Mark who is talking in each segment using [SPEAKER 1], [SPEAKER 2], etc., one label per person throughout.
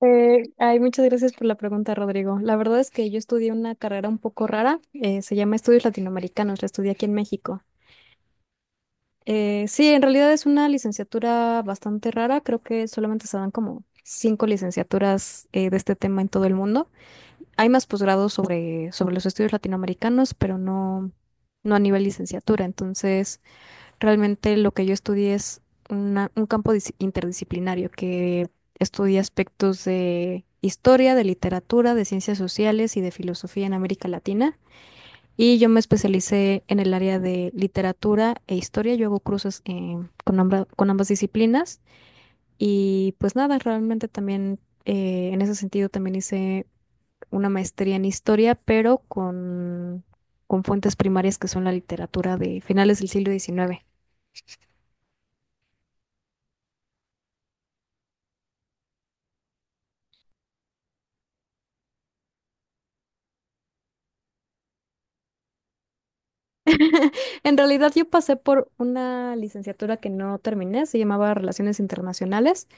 [SPEAKER 1] Ay, muchas gracias por la pregunta, Rodrigo. La verdad es que yo estudié una carrera un poco rara, se llama Estudios Latinoamericanos, la estudié aquí en México. Sí, en realidad es una licenciatura bastante rara, creo que solamente se dan como cinco licenciaturas de este tema en todo el mundo. Hay más posgrados sobre los estudios latinoamericanos, pero no, no a nivel licenciatura, entonces. Realmente lo que yo estudié es un campo interdisciplinario que estudia aspectos de historia, de literatura, de ciencias sociales y de filosofía en América Latina. Y yo me especialicé en el área de literatura e historia. Yo hago cruces con ambas disciplinas. Y pues nada, realmente también en ese sentido también hice una maestría en historia, pero con fuentes primarias que son la literatura de finales del siglo XIX. En realidad yo pasé por una licenciatura que no terminé, se llamaba Relaciones Internacionales,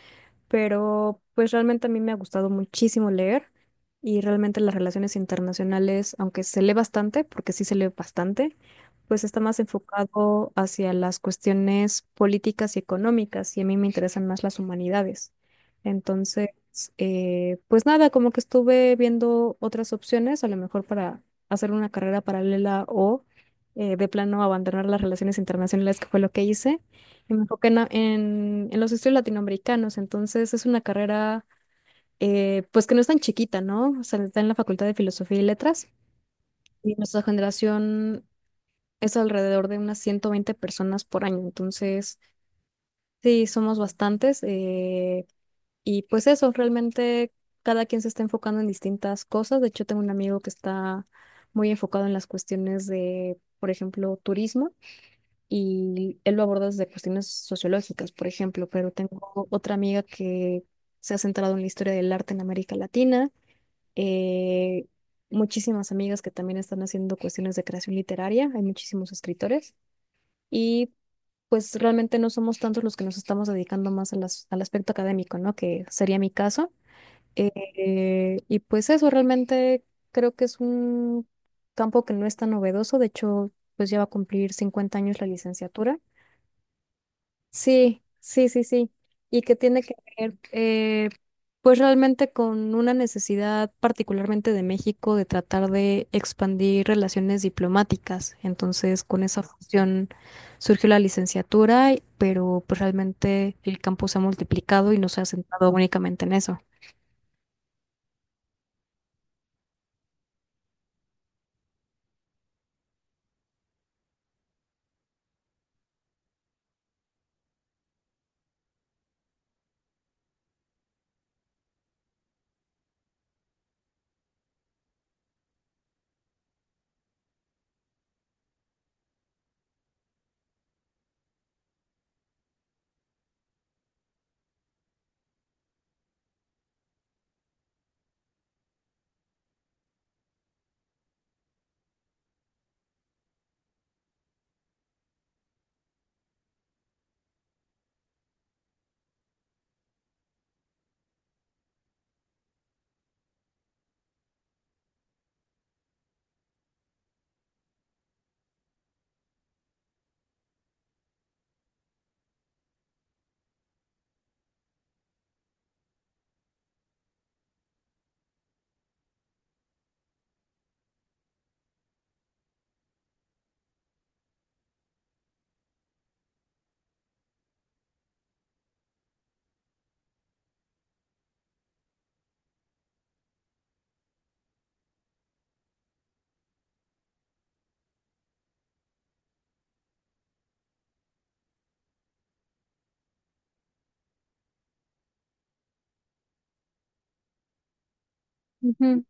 [SPEAKER 1] pero pues realmente a mí me ha gustado muchísimo leer, y realmente las relaciones internacionales, aunque se lee bastante, porque sí se lee bastante, pues está más enfocado hacia las cuestiones políticas y económicas, y a mí me interesan más las humanidades. Entonces, pues nada, como que estuve viendo otras opciones, a lo mejor para hacer una carrera paralela o de plano abandonar las relaciones internacionales, que fue lo que hice. Me enfoqué en los estudios latinoamericanos, entonces es una carrera pues que no es tan chiquita, ¿no? O sea, está en la Facultad de Filosofía y Letras, y nuestra generación es alrededor de unas 120 personas por año, entonces sí, somos bastantes. Y pues eso, realmente cada quien se está enfocando en distintas cosas. De hecho, tengo un amigo que está muy enfocado en las cuestiones de, por ejemplo, turismo, y él lo aborda desde cuestiones sociológicas, por ejemplo. Pero tengo otra amiga que se ha centrado en la historia del arte en América Latina, eh, muchísimas amigas que también están haciendo cuestiones de creación literaria, hay muchísimos escritores. Y pues realmente no somos tantos los que nos estamos dedicando más a al aspecto académico, ¿no? Que sería mi caso. Y pues eso, realmente creo que es un campo que no es tan novedoso. De hecho, pues ya va a cumplir 50 años la licenciatura. Sí, sí, sí, sí. Y que tiene que ver, pues realmente con una necesidad particularmente de México de tratar de expandir relaciones diplomáticas. Entonces, con esa función surgió la licenciatura, pero pues realmente el campo se ha multiplicado y no se ha centrado únicamente en eso. Ujú.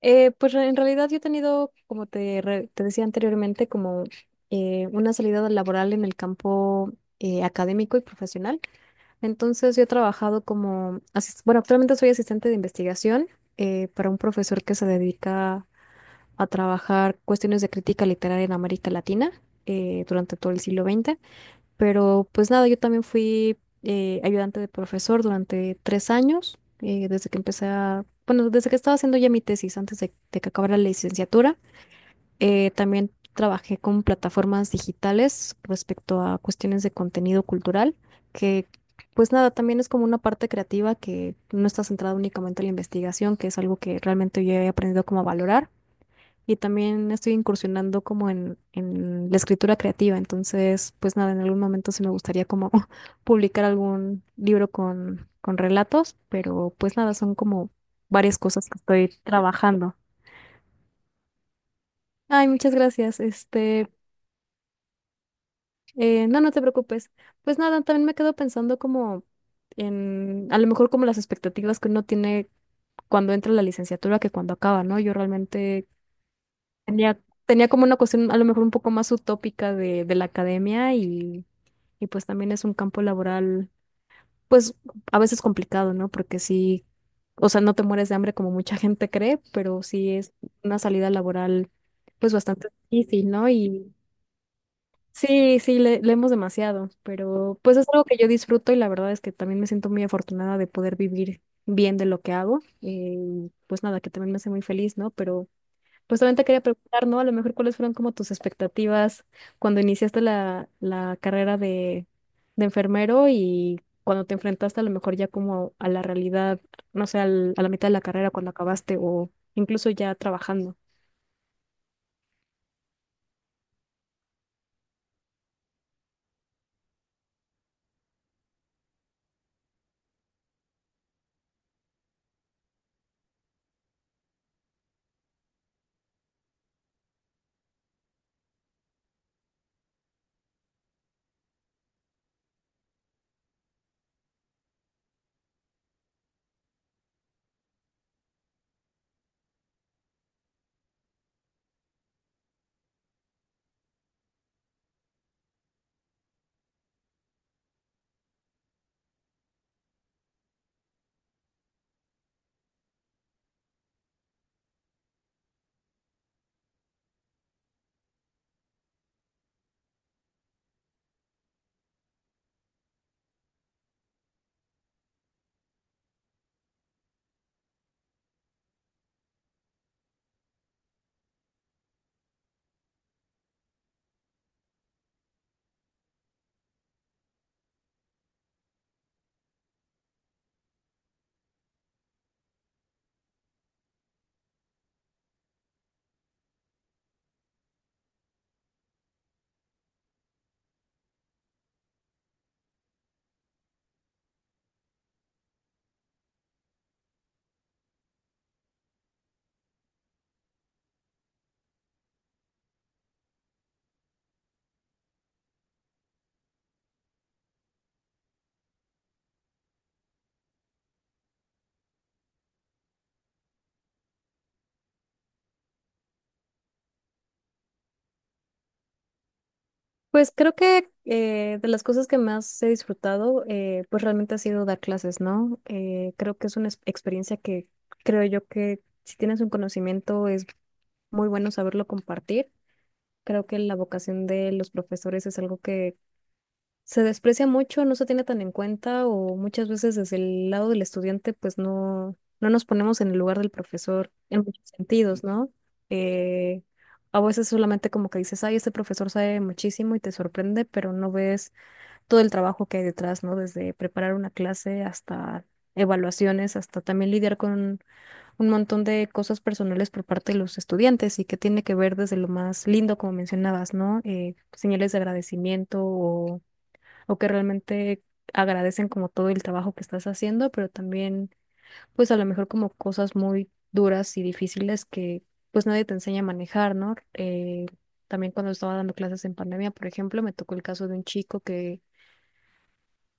[SPEAKER 1] En realidad yo he tenido, como te decía anteriormente, como una salida laboral en el campo académico y profesional. Entonces yo he trabajado como, bueno, actualmente soy asistente de investigación para un profesor que se dedica a trabajar cuestiones de crítica literaria en América Latina durante todo el siglo XX. Pero pues nada, yo también fui ayudante de profesor durante 3 años, desde que empecé a, bueno, desde que estaba haciendo ya mi tesis, antes de que acabara la licenciatura. También trabajé con plataformas digitales respecto a cuestiones de contenido cultural, que pues nada, también es como una parte creativa que no está centrada únicamente en la investigación, que es algo que realmente yo he aprendido como a valorar. Y también estoy incursionando como en la escritura creativa. Entonces, pues nada, en algún momento sí me gustaría como publicar algún libro con relatos, pero pues nada, son como varias cosas que estoy trabajando. Ay, muchas gracias. Este, no, no te preocupes. Pues nada, también me quedo pensando como en, a lo mejor como las expectativas que uno tiene cuando entra a la licenciatura, que cuando acaba, ¿no? Yo realmente tenía, tenía como una cuestión a lo mejor un poco más utópica de la academia, y pues también es un campo laboral, pues a veces complicado, ¿no? Porque sí, o sea, no te mueres de hambre como mucha gente cree, pero sí es una salida laboral pues bastante difícil, ¿no? Y sí, sí, leemos demasiado, pero pues es algo que yo disfruto, y la verdad es que también me siento muy afortunada de poder vivir bien de lo que hago. Y pues nada, que también me hace muy feliz, ¿no? Pero pues también te quería preguntar, ¿no? A lo mejor cuáles fueron como tus expectativas cuando iniciaste la carrera de enfermero, y cuando te enfrentaste a lo mejor ya como a la realidad, no sé, a la mitad de la carrera, cuando acabaste o incluso ya trabajando. Pues creo que de las cosas que más he disfrutado, pues realmente ha sido dar clases, ¿no? Creo que es una experiencia que creo yo que si tienes un conocimiento es muy bueno saberlo compartir. Creo que la vocación de los profesores es algo se desprecia mucho, no se tiene tan en cuenta, o muchas veces desde el lado del estudiante pues no, no nos ponemos en el lugar del profesor en muchos sentidos, ¿no? Eh, a veces solamente como que dices, ay, este profesor sabe muchísimo y te sorprende, pero no ves todo el trabajo que hay detrás, ¿no? Desde preparar una clase hasta evaluaciones, hasta también lidiar con un montón de cosas personales por parte de los estudiantes, y que tiene que ver desde lo más lindo, como mencionabas, ¿no? Señales de agradecimiento, o que realmente agradecen como todo el trabajo que estás haciendo, pero también pues a lo mejor como cosas muy duras y difíciles que pues nadie te enseña a manejar, ¿no? También cuando estaba dando clases en pandemia, por ejemplo, me tocó el caso de un chico que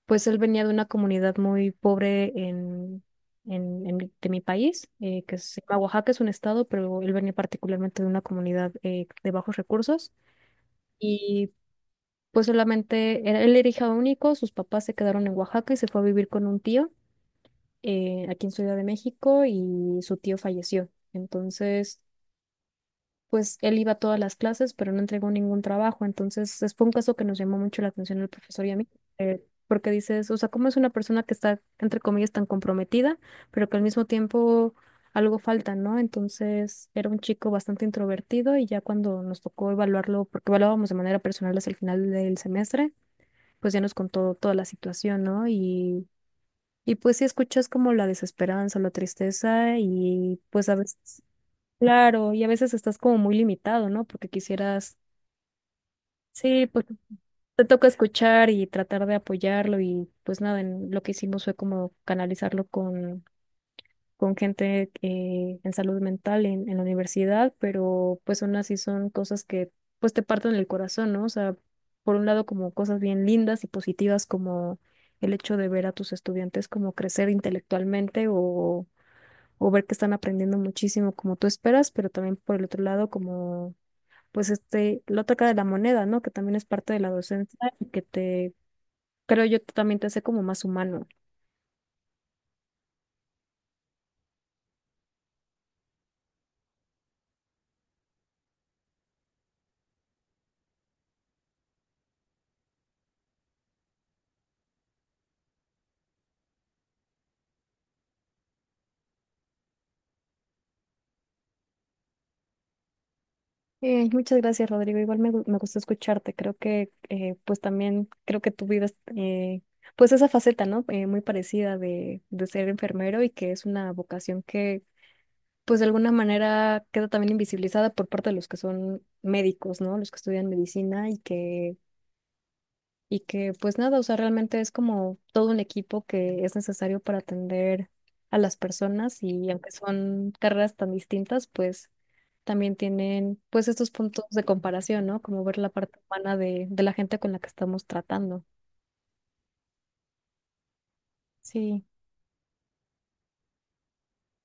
[SPEAKER 1] pues él venía de una comunidad muy pobre en. En de mi país, que se llama Oaxaca, es un estado, pero él venía particularmente de una comunidad de bajos recursos. Y pues solamente él era hija único, sus papás se quedaron en Oaxaca y se fue a vivir con un tío aquí en Ciudad de México, y su tío falleció. Entonces, pues él iba a todas las clases, pero no entregó ningún trabajo. Entonces, fue un caso que nos llamó mucho la atención al profesor y a mí, porque dices, o sea, ¿cómo es una persona que está, entre comillas, tan comprometida, pero que al mismo tiempo? Algo falta, ¿no? Entonces era un chico bastante introvertido, y ya cuando nos tocó evaluarlo, porque evaluábamos de manera personal hasta el final del semestre, pues ya nos contó toda la situación, ¿no? Y pues sí escuchas como la desesperanza, la tristeza, y pues a veces, claro, y a veces estás como muy limitado, ¿no? Porque quisieras, sí, pues te toca escuchar y tratar de apoyarlo, y pues nada, lo que hicimos fue como canalizarlo con gente en salud mental en la universidad, pero pues aún así son cosas que pues te parten el corazón, ¿no? O sea, por un lado como cosas bien lindas y positivas, como el hecho de ver a tus estudiantes como crecer intelectualmente, o ver que están aprendiendo muchísimo como tú esperas, pero también por el otro lado, como pues este, la otra cara de la moneda, ¿no? Que también es parte de la docencia, y que te, creo yo, también te hace como más humano. Muchas gracias, Rodrigo. Igual me, me gustó escucharte. Creo que, pues también, creo que tú vives, pues esa faceta, ¿no? Muy parecida de ser enfermero, y que es una vocación que, pues de alguna manera queda también invisibilizada por parte de los que son médicos, ¿no? Los que estudian medicina, y que pues nada, o sea, realmente es como todo un equipo que es necesario para atender a las personas, y aunque son carreras tan distintas, pues también tienen pues estos puntos de comparación, ¿no? Como ver la parte humana de la gente con la que estamos tratando. Sí,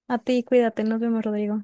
[SPEAKER 1] a ti, cuídate, nos vemos, Rodrigo.